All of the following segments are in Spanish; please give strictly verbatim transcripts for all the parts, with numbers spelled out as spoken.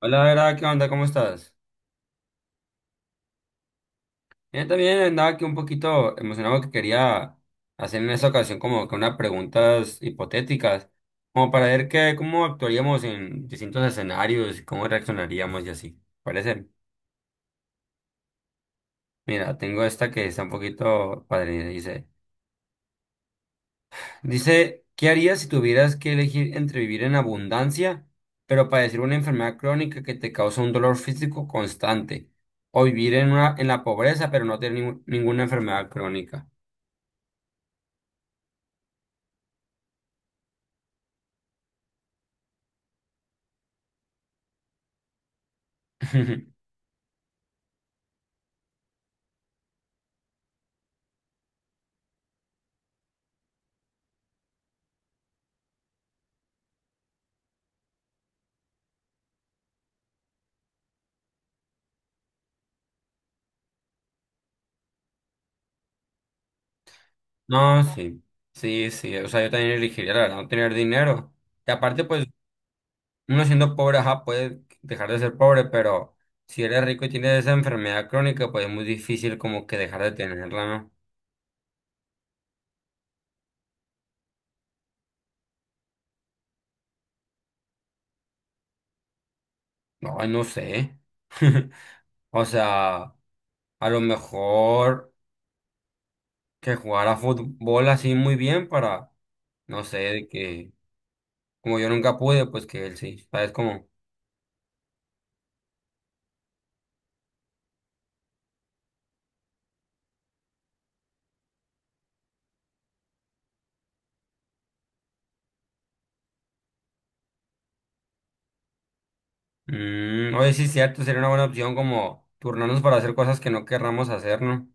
Hola, Vera, ¿qué onda? ¿Cómo estás? Bien, también andaba aquí un poquito emocionado que quería hacer en esta ocasión como que unas preguntas hipotéticas, como para ver qué, cómo actuaríamos en distintos escenarios y cómo reaccionaríamos y así. ¿Parece? Mira, tengo esta que está un poquito padre, dice. Dice, ¿qué harías si tuvieras que elegir entre vivir en abundancia, pero padecer una enfermedad crónica que te causa un dolor físico constante, o vivir en una, en la pobreza, pero no tener ningún- ninguna enfermedad crónica? No, sí, sí, sí, o sea, yo también elegiría, la verdad, no tener dinero. Y aparte, pues, uno siendo pobre, ajá, puede dejar de ser pobre, pero si eres rico y tienes esa enfermedad crónica, pues es muy difícil como que dejar de tenerla, ¿no? No, no sé. O sea, a lo mejor que jugara fútbol así muy bien para, no sé, de que, como yo nunca pude, pues que él sí, ¿sabes? Como, mm, oye, sí, cierto, sería una buena opción como turnarnos para hacer cosas que no querramos hacer, ¿no?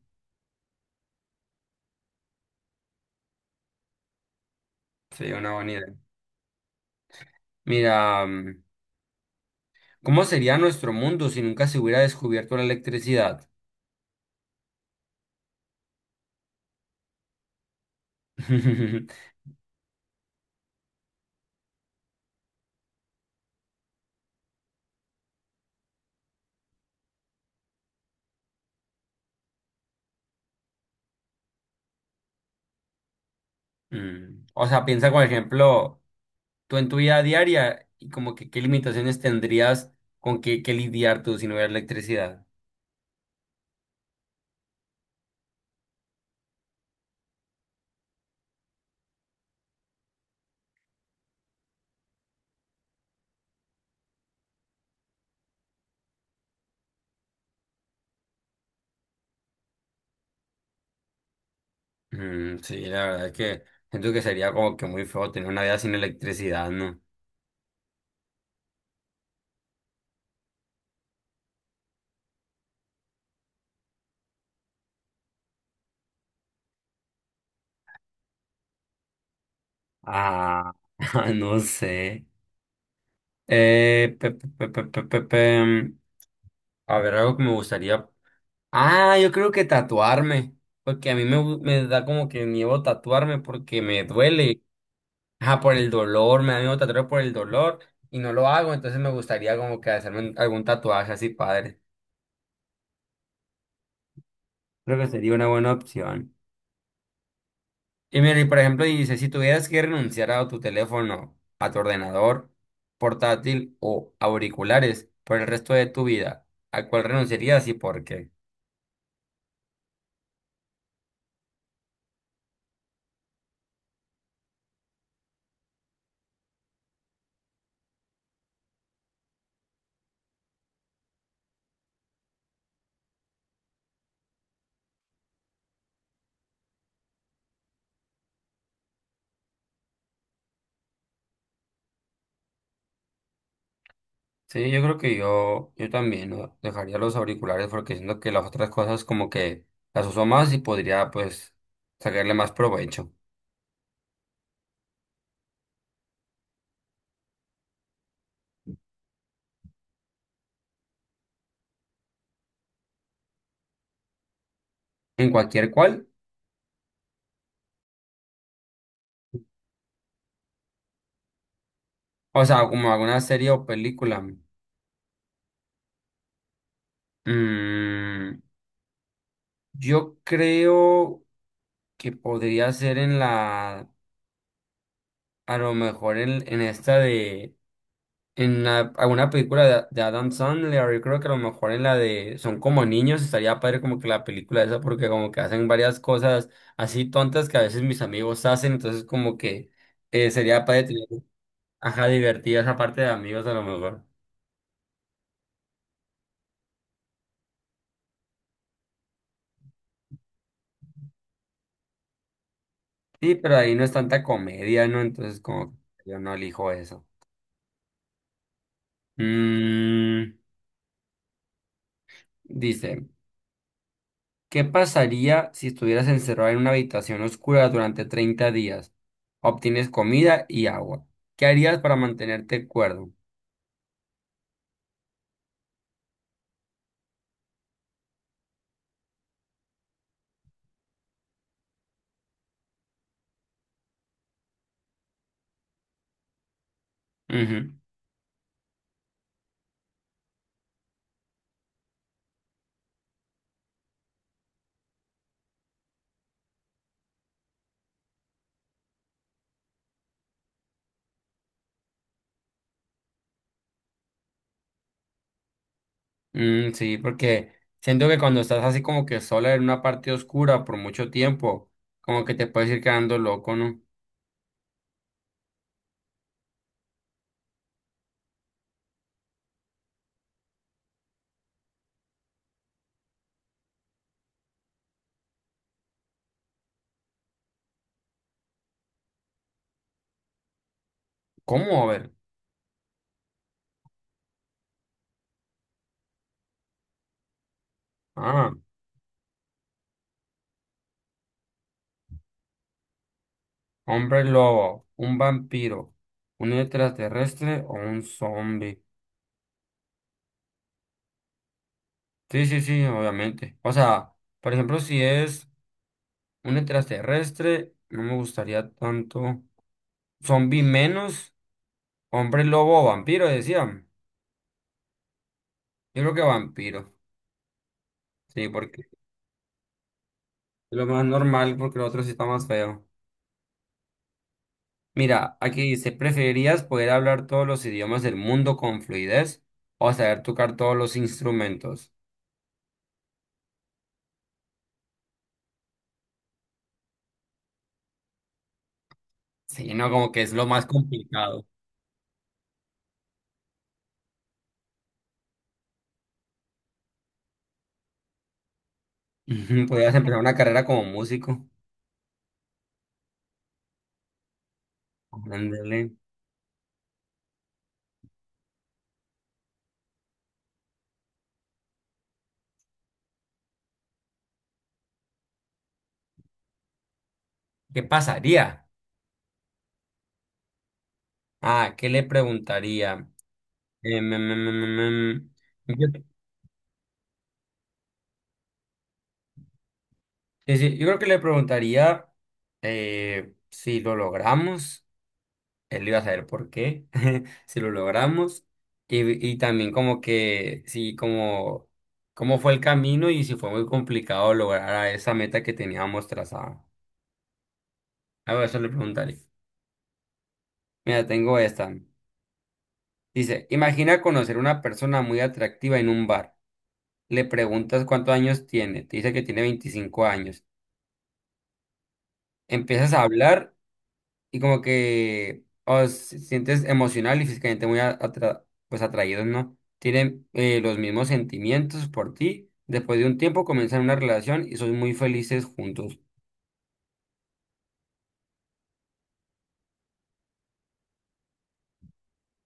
Sería una buena idea. Mira, mm, ¿cómo sería nuestro mundo si nunca se hubiera descubierto la electricidad? Mm, O sea, piensa, por ejemplo, tú en tu vida diaria y como que qué limitaciones tendrías con qué, qué lidiar tú si no hubiera electricidad. Mm, sí, la verdad es que siento que sería como que muy feo tener una vida sin electricidad, ¿no? Ah, no sé. Eh, pe- pe- pe- pe- pe- pe- pe- mm, A ver, algo que me gustaría. Ah, yo creo que tatuarme, porque a mí me, gu- me da como que miedo tatuarme porque me duele, ajá, por el dolor, me da miedo tatuarme por el dolor y no lo hago, entonces me gustaría como que hacerme un- algún tatuaje así, padre. Creo que sería una buena opción. Y mira, y por ejemplo, dice, si tuvieras que renunciar a tu teléfono, a tu ordenador, portátil o auriculares por el resto de tu vida, ¿a cuál renunciarías y por qué? Sí, yo creo que yo, yo también ¿no? dejaría los auriculares porque siento que las otras cosas como que las uso más y podría pues sacarle más provecho. En cualquier cual, o sea, como alguna serie o película. mm, yo creo que podría ser en la, a lo mejor en, en esta de En la- alguna película de, de Adam Sandler, yo creo que a lo mejor en la de Son como niños, estaría padre como que la película esa, porque como que hacen varias cosas así tontas que a veces mis amigos hacen, entonces como que eh, sería padre tener, ajá, divertida esa parte de amigos a lo mejor. Sí, pero ahí no es tanta comedia, ¿no? Entonces como que yo no elijo eso. Mm, Dice. ¿Qué pasaría si estuvieras encerrado en una habitación oscura durante treinta días? Obtienes comida y agua. ¿Qué harías para mantenerte cuerdo? Ujú. Mm, sí, porque siento que cuando estás así como que sola en una parte oscura por mucho tiempo, como que te puedes ir quedando loco, ¿no? ¿Cómo? A ver. Ah, hombre lobo, un vampiro, un extraterrestre o un zombie. Sí, sí, sí, obviamente. O sea, por ejemplo, si es... Un extraterrestre, no me gustaría tanto. Zombie menos, hombre lobo o vampiro, decían. Yo creo que vampiro. Sí, porque es lo más normal, porque lo otro sí está más feo. Mira, aquí dice, ¿preferirías poder hablar todos los idiomas del mundo con fluidez o saber tocar todos los instrumentos? Sí, no, como que es lo más complicado. Podrías empezar una carrera como músico. Ándale. ¿Qué pasaría? Ah, ¿qué le preguntaría? Em, em, em, em, em, em. Sí, sí, yo creo que le preguntaría eh, si lo logramos, él iba a saber por qué, si lo logramos, y, y también como que, sí, como, cómo fue el camino y si fue muy complicado lograr a esa meta que teníamos trazada. A ver, eso le preguntaría. Mira, tengo esta. Dice, imagina conocer una persona muy atractiva en un bar. Le preguntas cuántos años tiene, te dice que tiene veinticinco años. Empiezas a hablar y como que os sientes emocional y físicamente muy a- atra- pues atraídos, ¿no? Tienen eh, los mismos sentimientos por ti. Después de un tiempo comienzan una relación y son muy felices juntos.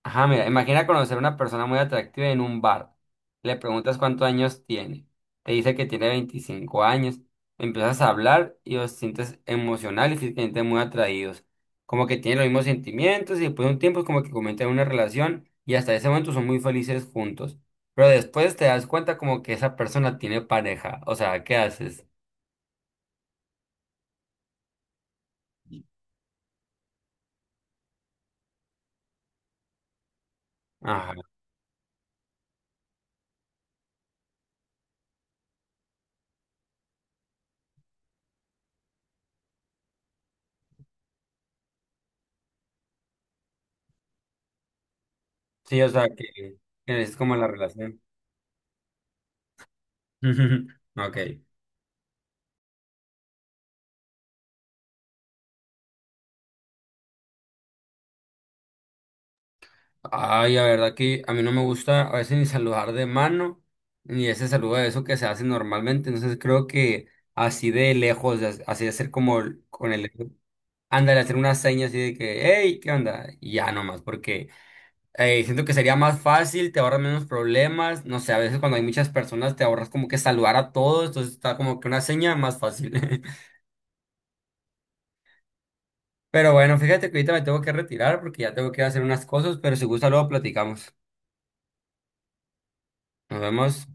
Ajá, mira, imagina conocer a una persona muy atractiva en un bar. Le preguntas cuántos años tiene. Te dice que tiene veinticinco años. Empiezas a hablar y os sientes emocional y físicamente muy atraídos. Como que tienen los mismos sentimientos y después de un tiempo es como que comienzan una relación y hasta ese momento son muy felices juntos. Pero después te das cuenta como que esa persona tiene pareja. O sea, ¿qué haces? Ajá. Sí, o sea, que, que es como la relación. Ok. Ay, la verdad que a mí no me gusta a veces ni saludar de mano, ni ese saludo de eso que se hace normalmente. Entonces creo que así de lejos, as- así de hacer como el- con el... Ándale, hacer una seña así de que, hey, ¿qué onda? Y ya nomás, porque eh, siento que sería más fácil, te ahorras menos problemas. No sé, a veces cuando hay muchas personas te ahorras como que saludar a todos, entonces está como que una seña más fácil. Pero bueno, fíjate que ahorita me tengo que retirar porque ya tengo que ir a hacer unas cosas, pero si gusta luego platicamos. Nos vemos.